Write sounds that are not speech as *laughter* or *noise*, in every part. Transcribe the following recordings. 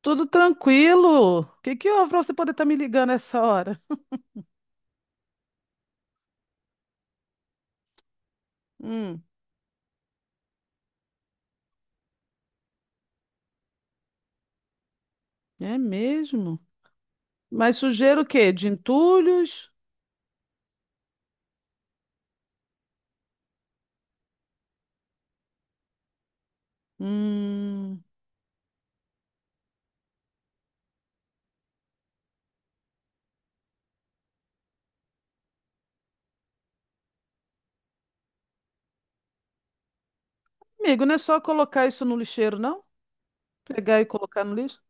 Tudo tranquilo. O que que houve pra você poder estar me ligando essa hora? Hum, é mesmo? Mas sujeira o quê? De entulhos? Hum, amigo, não é só colocar isso no lixeiro, não? Pegar e colocar no lixo?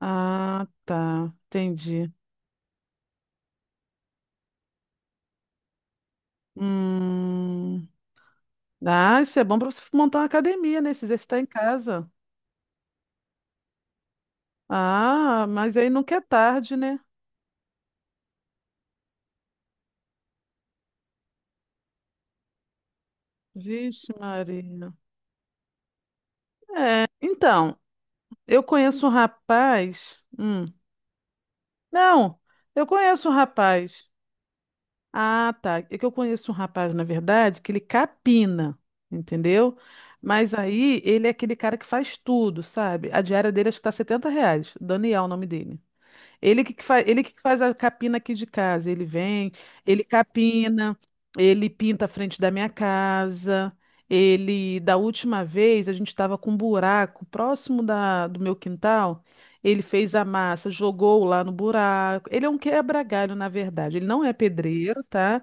Ah, tá. Entendi. Hum, ah, isso é bom pra você montar uma academia, né? Se exercitar em casa. Ah, mas aí nunca é tarde, né? Vixe, Maria. É, então, eu conheço um rapaz. Não, eu conheço um rapaz. Ah, tá. É que eu conheço um rapaz, na verdade, que ele capina, entendeu? Mas aí ele é aquele cara que faz tudo, sabe? A diária dele acho que tá setenta R$ 70. Daniel, é o nome dele. Ele que faz a capina aqui de casa. Ele vem, ele capina, ele pinta a frente da minha casa. Ele, da última vez, a gente estava com um buraco próximo do meu quintal. Ele fez a massa, jogou lá no buraco. Ele é um quebra-galho, na verdade. Ele não é pedreiro, tá?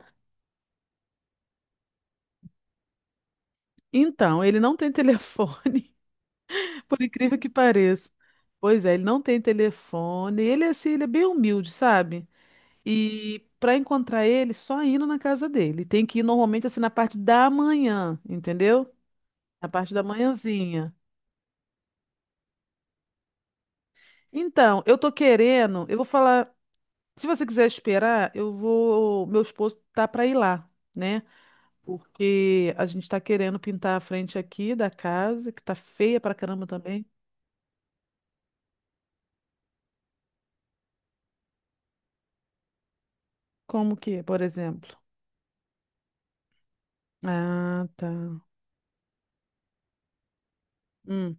Então, ele não tem telefone, *laughs* por incrível que pareça. Pois é, ele não tem telefone. Ele, é assim, ele é bem humilde, sabe? E para encontrar ele, só indo na casa dele. Tem que ir normalmente assim na parte da manhã, entendeu? Na parte da manhãzinha. Então, eu tô querendo, eu vou falar, se você quiser esperar, eu vou, meu esposo tá para ir lá, né? Porque a gente tá querendo pintar a frente aqui da casa, que tá feia pra caramba também. Como que, é, por exemplo? Ah, tá. Hum.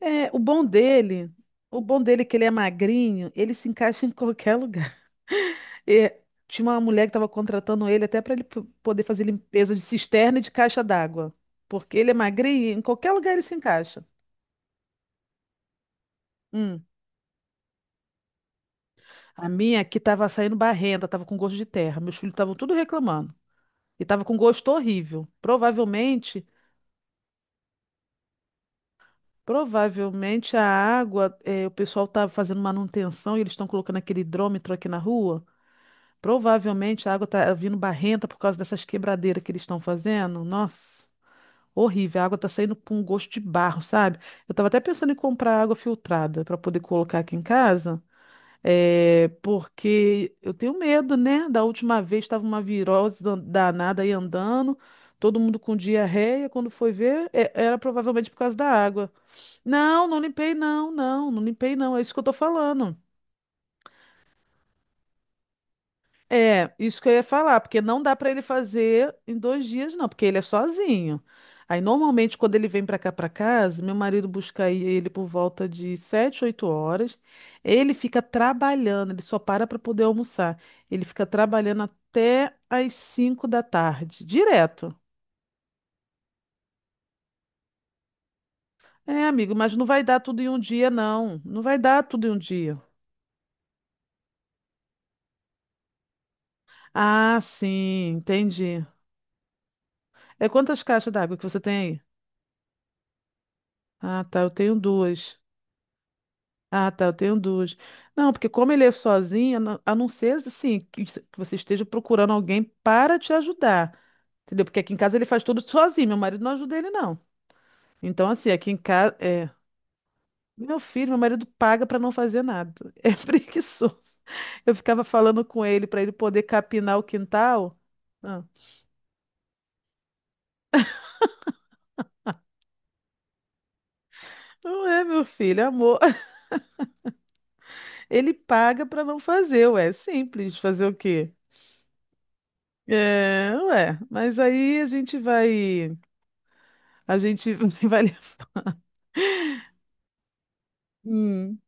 É, o bom dele é que ele é magrinho, ele se encaixa em qualquer lugar. É, tinha uma mulher que estava contratando ele até para ele poder fazer limpeza de cisterna e de caixa d'água. Porque ele é magrinho, e em qualquer lugar ele se encaixa. Hum. A minha aqui estava saindo barrenta, estava com gosto de terra. Meus filhos estavam tudo reclamando. E estava com gosto horrível. Provavelmente, provavelmente a água, o pessoal estava fazendo manutenção e eles estão colocando aquele hidrômetro aqui na rua. Provavelmente a água está vindo barrenta por causa dessas quebradeiras que eles estão fazendo. Nossa. Horrível, a água tá saindo com um gosto de barro, sabe? Eu tava até pensando em comprar água filtrada para poder colocar aqui em casa, é, porque eu tenho medo, né? Da última vez tava uma virose danada aí andando, todo mundo com diarreia, quando foi ver, era provavelmente por causa da água. Não, não limpei não, não limpei não, é isso que eu tô falando. É, isso que eu ia falar, porque não dá para ele fazer em dois dias, não, porque ele é sozinho. Aí, normalmente, quando ele vem para cá para casa, meu marido busca aí ele por volta de 7, 8 horas. Ele fica trabalhando, ele só para para poder almoçar. Ele fica trabalhando até às 5 da tarde, direto. É, amigo, mas não vai dar tudo em um dia, não. Não vai dar tudo em um dia. Ah, sim, entendi. É quantas caixas d'água que você tem aí? Ah, tá, eu tenho duas. Ah, tá, eu tenho duas. Não, porque como ele é sozinho, a não ser assim, que que você esteja procurando alguém para te ajudar. Entendeu? Porque aqui em casa ele faz tudo sozinho, meu marido não ajuda ele, não. Então, assim, aqui em casa, é. Meu filho, meu marido paga para não fazer nada. *laughs* É preguiçoso. Eu ficava falando com ele para ele poder capinar o quintal. Ah, Não é, meu filho, é amor. *laughs* Ele paga para não fazer, ué. É simples, fazer o quê? É, ué. Mas aí a gente vai. A gente *laughs* vai. Hum.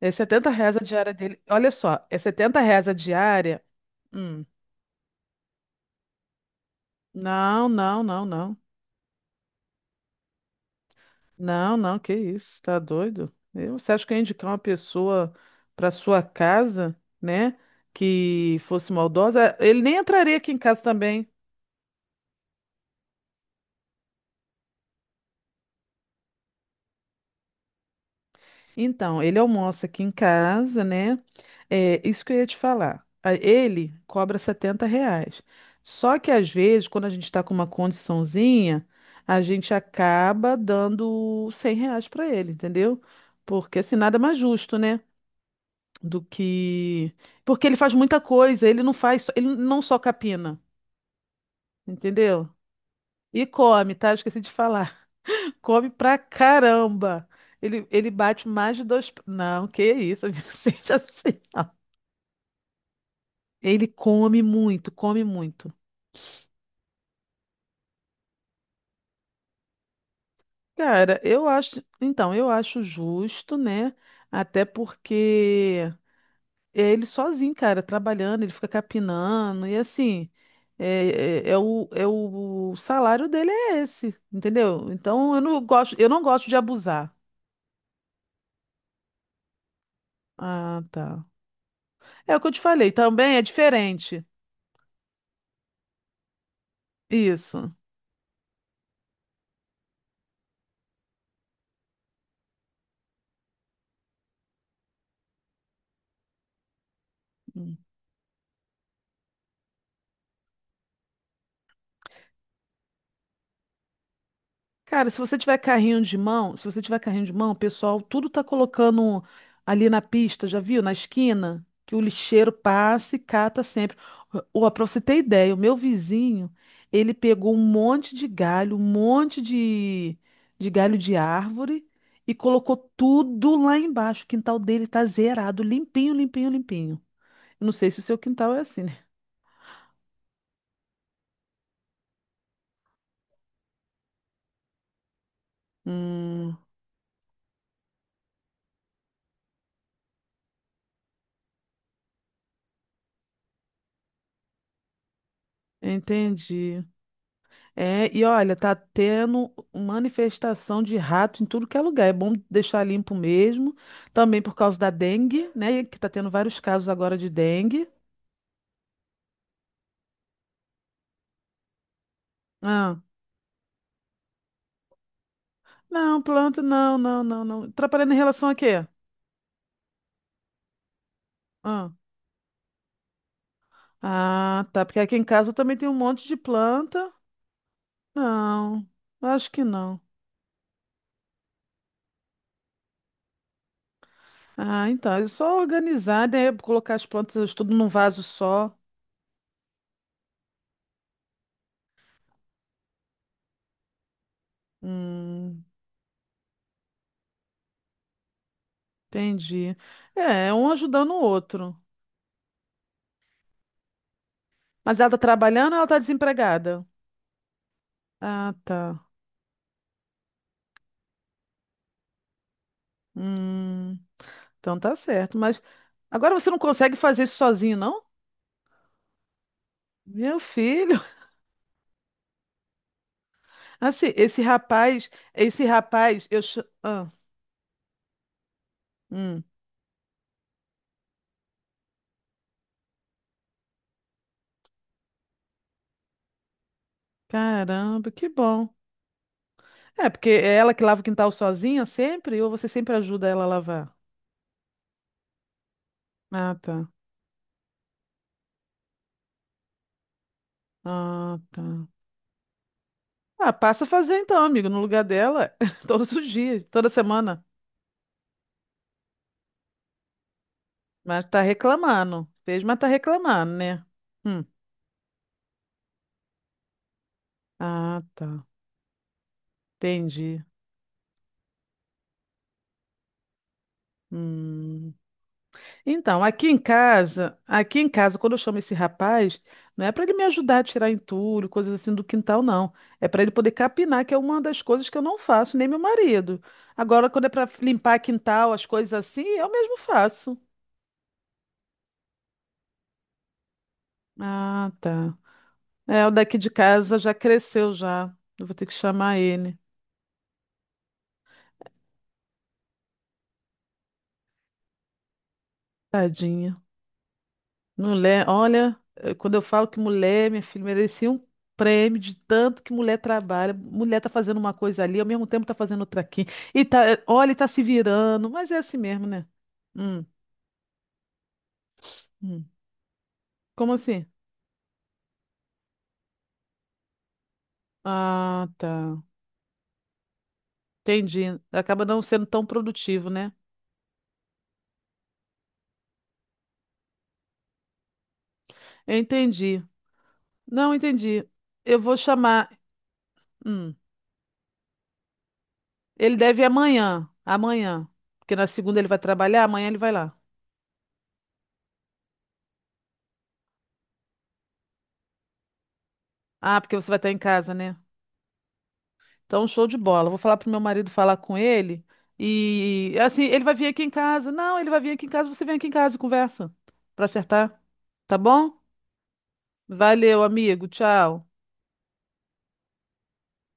É R$ 70 a diária dele. Olha só, é R$ 70 a diária. Hum. Não, não, não, não. Não, não, que isso, tá doido? Você acha que eu ia indicar uma pessoa para sua casa, né? Que fosse maldosa? Ele nem entraria aqui em casa também. Então, ele almoça aqui em casa, né? É, isso que eu ia te falar. Ele cobra R$ 70. Só que às vezes, quando a gente está com uma condiçãozinha, a gente acaba dando R$ 100 para ele, entendeu? Porque assim, nada mais justo, né? Do que. Porque ele faz muita coisa, ele não só capina, entendeu? E come, tá? Eu esqueci de falar. Come pra caramba. Ele bate mais de dois. Não, que isso, amigo, *laughs* seja assim, não. Ele come muito, come muito. Cara, eu acho. Então, eu acho justo, né? Até porque é ele sozinho, cara, trabalhando, ele fica capinando, e assim. É o salário dele é esse, entendeu? Então eu não gosto de abusar. Ah, tá. É o que eu te falei, também é diferente. Isso. Cara, se você tiver carrinho de mão, se você tiver carrinho de mão, o pessoal tudo tá colocando ali na pista, já viu? Na esquina, que o lixeiro passa e cata sempre. Ó, pra você ter ideia, o meu vizinho, ele pegou um monte de galho, de galho de árvore e colocou tudo lá embaixo. O quintal dele tá zerado, limpinho, limpinho, limpinho. Eu não sei se o seu quintal é assim, né? Hum, entendi. É, e olha, tá tendo manifestação de rato em tudo que é lugar. É bom deixar limpo mesmo. Também por causa da dengue, né? Que tá tendo vários casos agora de dengue. Ah, não, planta, não, não, não, não. Atrapalhando em relação a quê? Ah, ah, tá. Porque aqui em casa eu também tem um monte de planta. Não, acho que não. Ah, então, é só organizar, né? Colocar as plantas tudo num vaso só. Hum, entendi. É, é um ajudando o outro. Mas ela tá trabalhando ou ela tá desempregada? Ah, tá. Hum, então tá certo. Mas agora você não consegue fazer isso sozinho, não? Meu filho. *laughs* Assim, esse rapaz, eu. Cha- Ah, hum. Caramba, que bom. É, porque é ela que lava o quintal sozinha sempre, ou você sempre ajuda ela a lavar? Ah, tá. Ah, tá. Ah, passa a fazer então, amigo, no lugar dela, *laughs* todos os dias, toda semana. Mas tá reclamando. Fez, mas tá reclamando, né? Hum. Ah, tá. Entendi. Hum. Então, aqui em casa, quando eu chamo esse rapaz, não é para ele me ajudar a tirar entulho, coisas assim do quintal, não. É para ele poder capinar, que é uma das coisas que eu não faço, nem meu marido. Agora, quando é para limpar quintal, as coisas assim, eu mesmo faço. Ah, tá. É, o daqui de casa já cresceu já. Eu vou ter que chamar ele. Tadinha. Mulher, olha, quando eu falo que mulher, minha filha, merecia um prêmio de tanto que mulher trabalha. Mulher tá fazendo uma coisa ali, ao mesmo tempo tá fazendo outra aqui. E tá, olha, e tá se virando, mas é assim mesmo, né? Hum, hum. Como assim? Ah, tá. Entendi. Acaba não sendo tão produtivo, né? Eu entendi. Não, entendi. Eu vou chamar. Hum. Ele deve ir amanhã. Amanhã. Porque na segunda ele vai trabalhar, amanhã ele vai lá. Ah, porque você vai estar em casa, né? Então, show de bola. Vou falar pro meu marido falar com ele. E assim, ele vai vir aqui em casa. Não, ele vai vir aqui em casa, você vem aqui em casa e conversa. Pra acertar. Tá bom? Valeu, amigo. Tchau.